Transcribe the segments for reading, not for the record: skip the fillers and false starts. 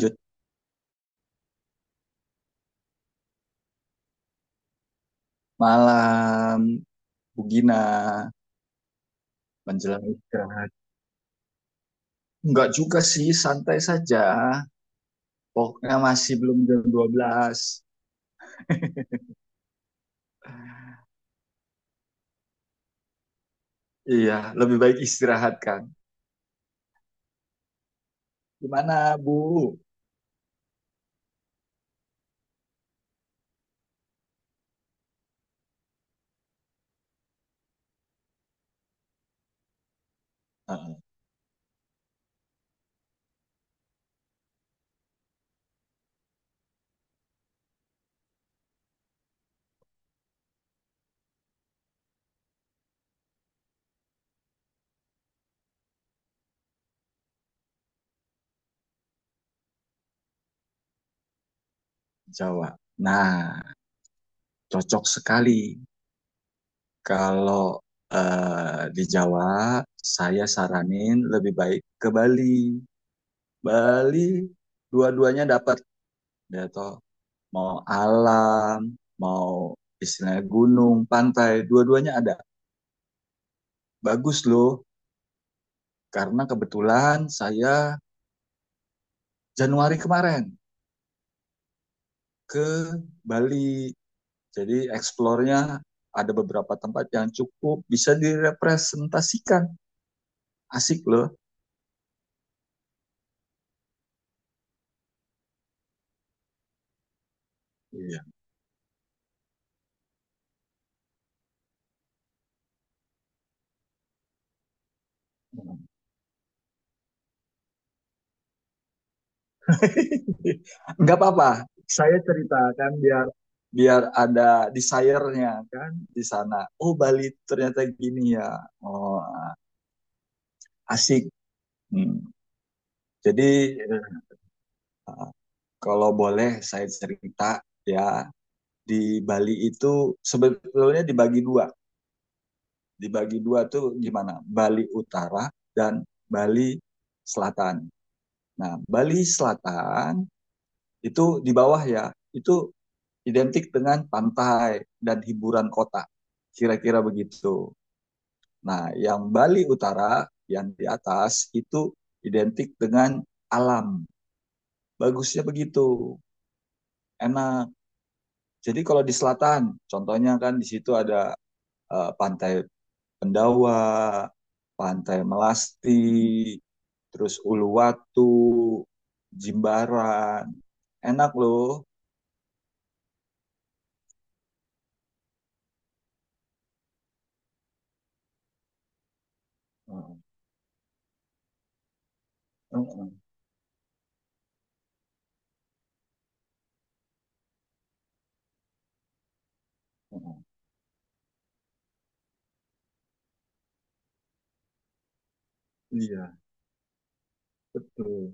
Lanjut. Malam, Bu Gina, menjelang istirahat. Enggak juga sih, santai saja. Pokoknya masih belum jam 12. Iya, lebih baik istirahat kan. Gimana, Bu? Eh, Jawa. Nah, cocok sekali kalau di Jawa saya saranin lebih baik ke Bali. Bali dua-duanya dapat, ya toh. Mau alam, mau istilahnya gunung, pantai, dua-duanya ada. Bagus loh, karena kebetulan saya Januari kemarin ke Bali. Jadi eksplornya ada beberapa tempat yang cukup bisa direpresentasikan. Asik loh. Iya. Nggak apa-apa, saya ceritakan biar biar ada desire-nya kan di sana. Oh, Bali ternyata gini ya. Oh, asik. Hmm. Jadi kalau boleh saya cerita, ya, di Bali itu sebetulnya dibagi dua. Dibagi dua tuh gimana? Bali Utara dan Bali Selatan. Nah, Bali Selatan itu di bawah ya, itu identik dengan pantai dan hiburan kota. Kira-kira begitu. Nah, yang Bali Utara yang di atas itu identik dengan alam. Bagusnya begitu, enak. Jadi kalau di selatan, contohnya kan di situ ada Pantai Pendawa, Pantai Melasti, terus Uluwatu, Jimbaran. Enak loh. Mm, mm, mm. Iya, betul.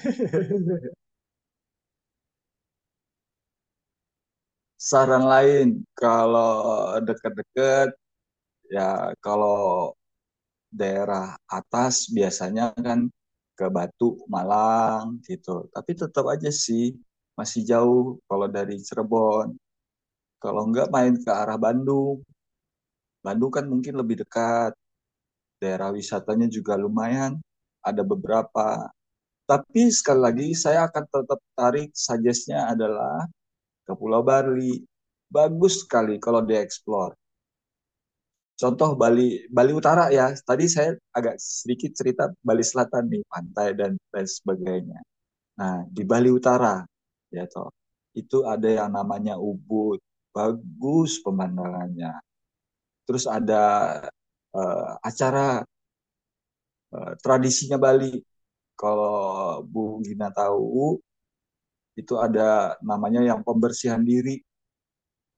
Saran lain, kalau deket-deket, ya, kalau daerah atas biasanya kan ke Batu, Malang gitu. Tapi tetap aja sih masih jauh kalau dari Cirebon. Kalau nggak main ke arah Bandung. Bandung kan mungkin lebih dekat. Daerah wisatanya juga lumayan. Ada beberapa. Tapi sekali lagi saya akan tetap tarik suggest-nya adalah ke Pulau Bali. Bagus sekali kalau dieksplor. Contoh Bali Bali Utara, ya. Tadi saya agak sedikit cerita Bali Selatan nih, pantai dan lain sebagainya. Nah, di Bali Utara, ya toh. Itu ada yang namanya Ubud. Bagus pemandangannya. Terus ada acara, tradisinya Bali. Kalau Bu Gina tahu, itu ada namanya yang pembersihan diri,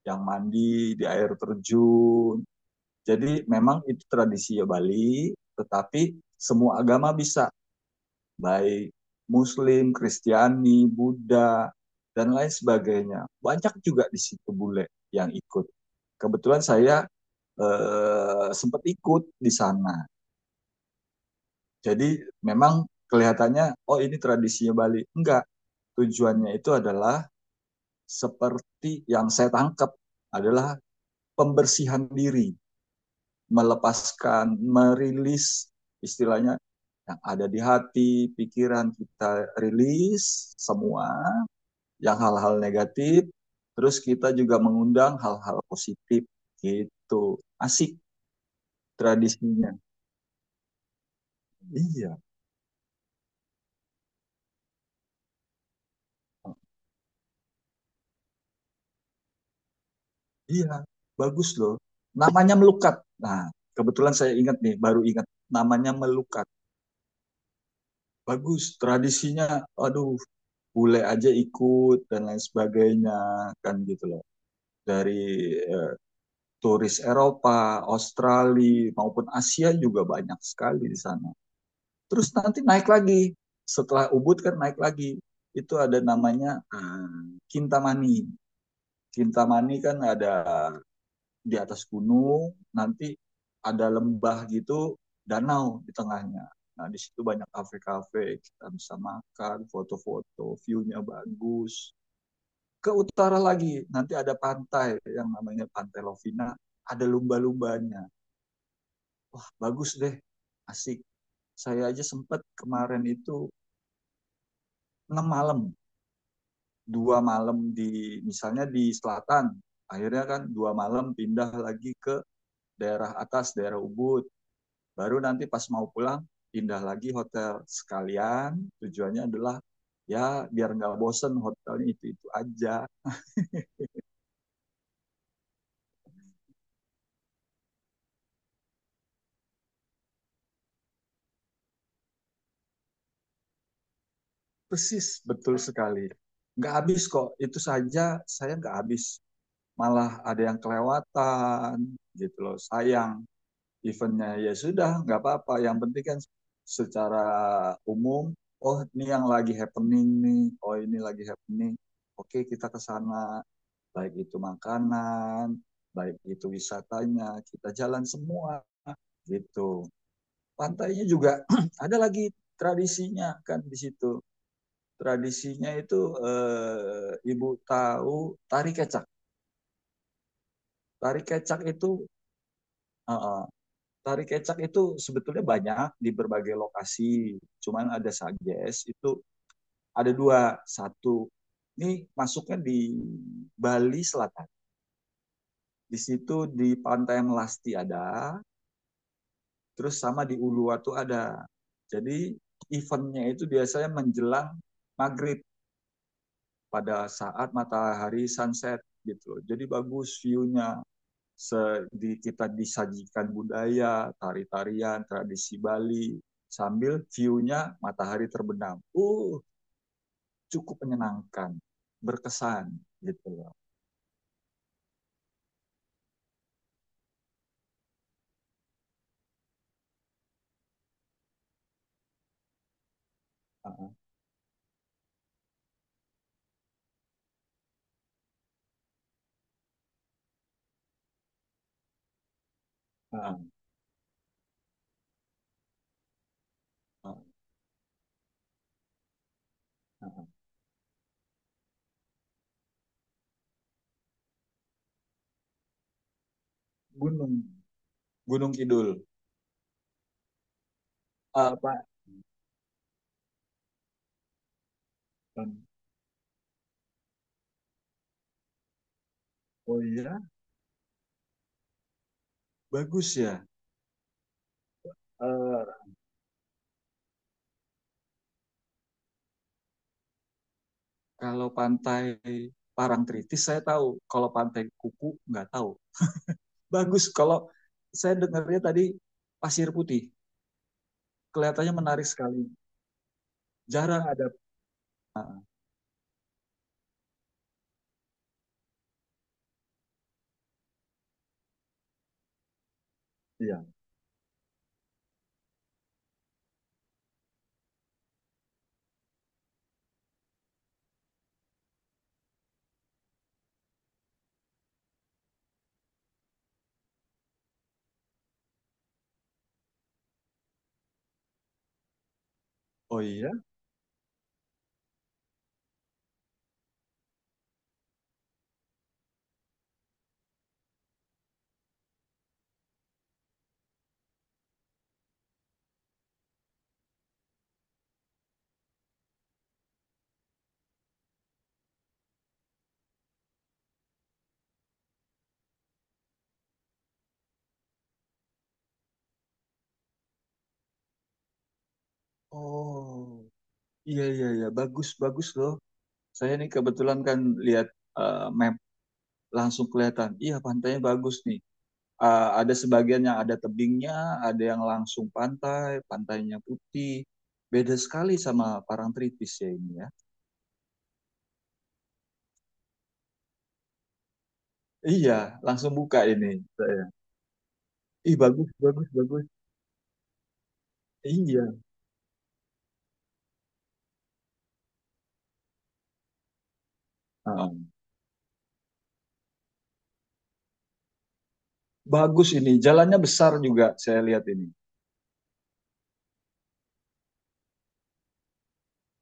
yang mandi di air terjun. Jadi memang itu tradisi ya Bali, tetapi semua agama bisa, baik Muslim, Kristiani, Buddha, dan lain sebagainya. Banyak juga di situ bule yang ikut. Kebetulan saya sempat ikut di sana. Jadi memang kelihatannya, oh, ini tradisinya Bali. Enggak, tujuannya itu adalah seperti yang saya tangkap adalah pembersihan diri. Melepaskan, merilis istilahnya yang ada di hati, pikiran kita rilis semua yang hal-hal negatif, terus kita juga mengundang hal-hal positif gitu. Asik tradisinya. Iya, iya, bagus loh. Namanya melukat. Nah, kebetulan saya ingat nih, baru ingat namanya melukat. Bagus, tradisinya, aduh, bule aja ikut dan lain sebagainya kan gitu loh. Dari e, turis Eropa, Australia maupun Asia juga banyak sekali di sana. Terus nanti naik lagi, setelah Ubud kan naik lagi, itu ada namanya Kintamani. Kintamani kan ada di atas gunung, nanti ada lembah gitu, danau di tengahnya. Nah, di situ banyak kafe-kafe, kita bisa makan, foto-foto, view-nya bagus. Ke utara lagi, nanti ada pantai yang namanya Pantai Lovina, ada lumba-lumbanya. Wah, bagus deh, asik. Saya aja sempet kemarin itu 6 malam. 2 malam di, misalnya, di selatan, akhirnya kan 2 malam pindah lagi ke daerah atas, daerah Ubud. Baru nanti pas mau pulang pindah lagi hotel, sekalian. Tujuannya adalah ya biar nggak bosen hotelnya itu aja. Persis, betul sekali. Nggak habis kok, itu saja saya nggak habis, malah ada yang kelewatan gitu loh. Sayang eventnya, ya sudah, nggak apa-apa. Yang penting kan secara umum, oh, ini yang lagi happening nih, oh, ini lagi happening, oke, kita ke sana. Baik itu makanan, baik itu wisatanya, kita jalan semua gitu. Pantainya juga ada lagi tradisinya kan di situ. Tradisinya itu, ibu tahu tari kecak? tari kecak itu eh, eh, Tari kecak itu sebetulnya banyak di berbagai lokasi. Cuman ada suggest itu ada dua. Satu, ini masuknya di Bali Selatan. Di situ di Pantai Melasti ada, terus sama di Uluwatu ada. Jadi eventnya itu biasanya menjelang maghrib, pada saat matahari sunset gitu. Jadi bagus view-nya. Kita disajikan budaya, tari-tarian, tradisi Bali, sambil view-nya matahari terbenam. Cukup menyenangkan, berkesan gitu loh. Ah, ah, ah, ah, ah. Gunung, Gunung Kidul. Ah, Pak. Oh, iya, bagus ya. Eh, Kalau pantai Parangtritis saya tahu, kalau pantai Kuku nggak tahu. Bagus, kalau saya dengarnya tadi Pasir Putih, kelihatannya menarik sekali. Jarang ada. Iya. Oh, iya? Oh. Iya, iya, iya, bagus bagus loh. Saya nih kebetulan kan lihat map, langsung kelihatan. Iya, pantainya bagus nih. Ada sebagian yang ada tebingnya, ada yang langsung pantai, pantainya putih. Beda sekali sama Parangtritis ya ini ya. Iya, langsung buka ini saya. Ih, bagus bagus bagus. Iya. Heeh. Bagus ini, jalannya besar juga saya lihat ini.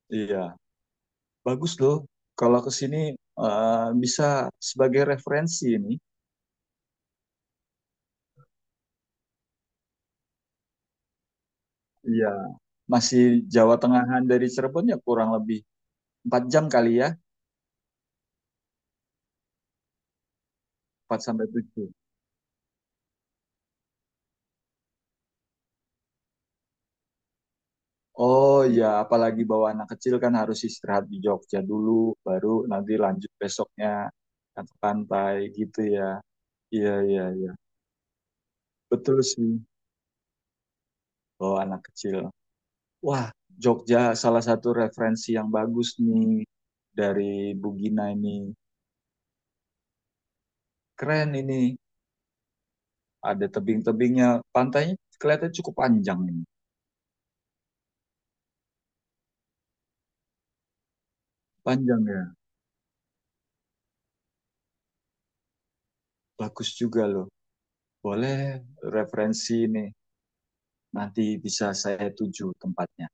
Iya. Bagus loh kalau ke sini, bisa sebagai referensi ini. Iya. Masih Jawa Tengahan. Dari Cirebon ya kurang lebih 4 jam kali ya, 4 sampai 7. Oh ya, apalagi bawa anak kecil kan harus istirahat di Jogja dulu, baru nanti lanjut besoknya kan ke pantai gitu ya. Iya, iya, iya. Betul sih, bawa anak kecil. Wah, Jogja salah satu referensi yang bagus nih dari Bugina ini. Keren ini. Ada tebing-tebingnya. Pantainya kelihatan cukup panjang ini. Panjang ya. Bagus juga loh. Boleh, referensi nih. Nanti bisa saya tuju tempatnya.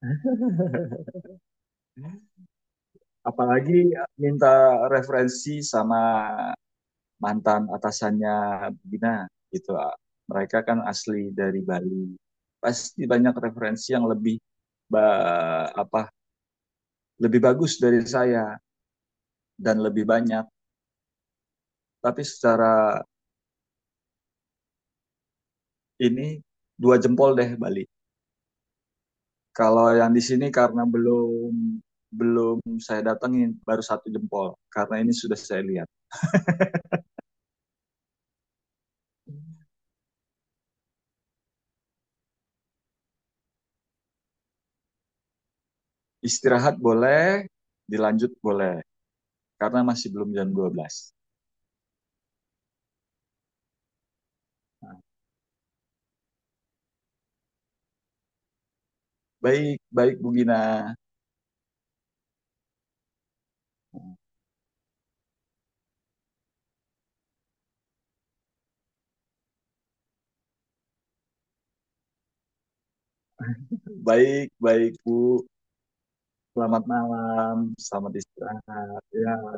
Apalagi minta referensi sama mantan atasannya Gina gitu. Mereka kan asli dari Bali. Pasti banyak referensi yang lebih apa, lebih bagus dari saya dan lebih banyak. Tapi secara ini, dua jempol deh Bali. Kalau yang di sini karena belum belum saya datengin, baru satu jempol. Karena ini sudah saya lihat. Istirahat boleh, dilanjut boleh. Karena masih belum jam dua belas. Baik, baik Bu Gina. Baik, baik Bu. Selamat malam, selamat istirahat. Ya.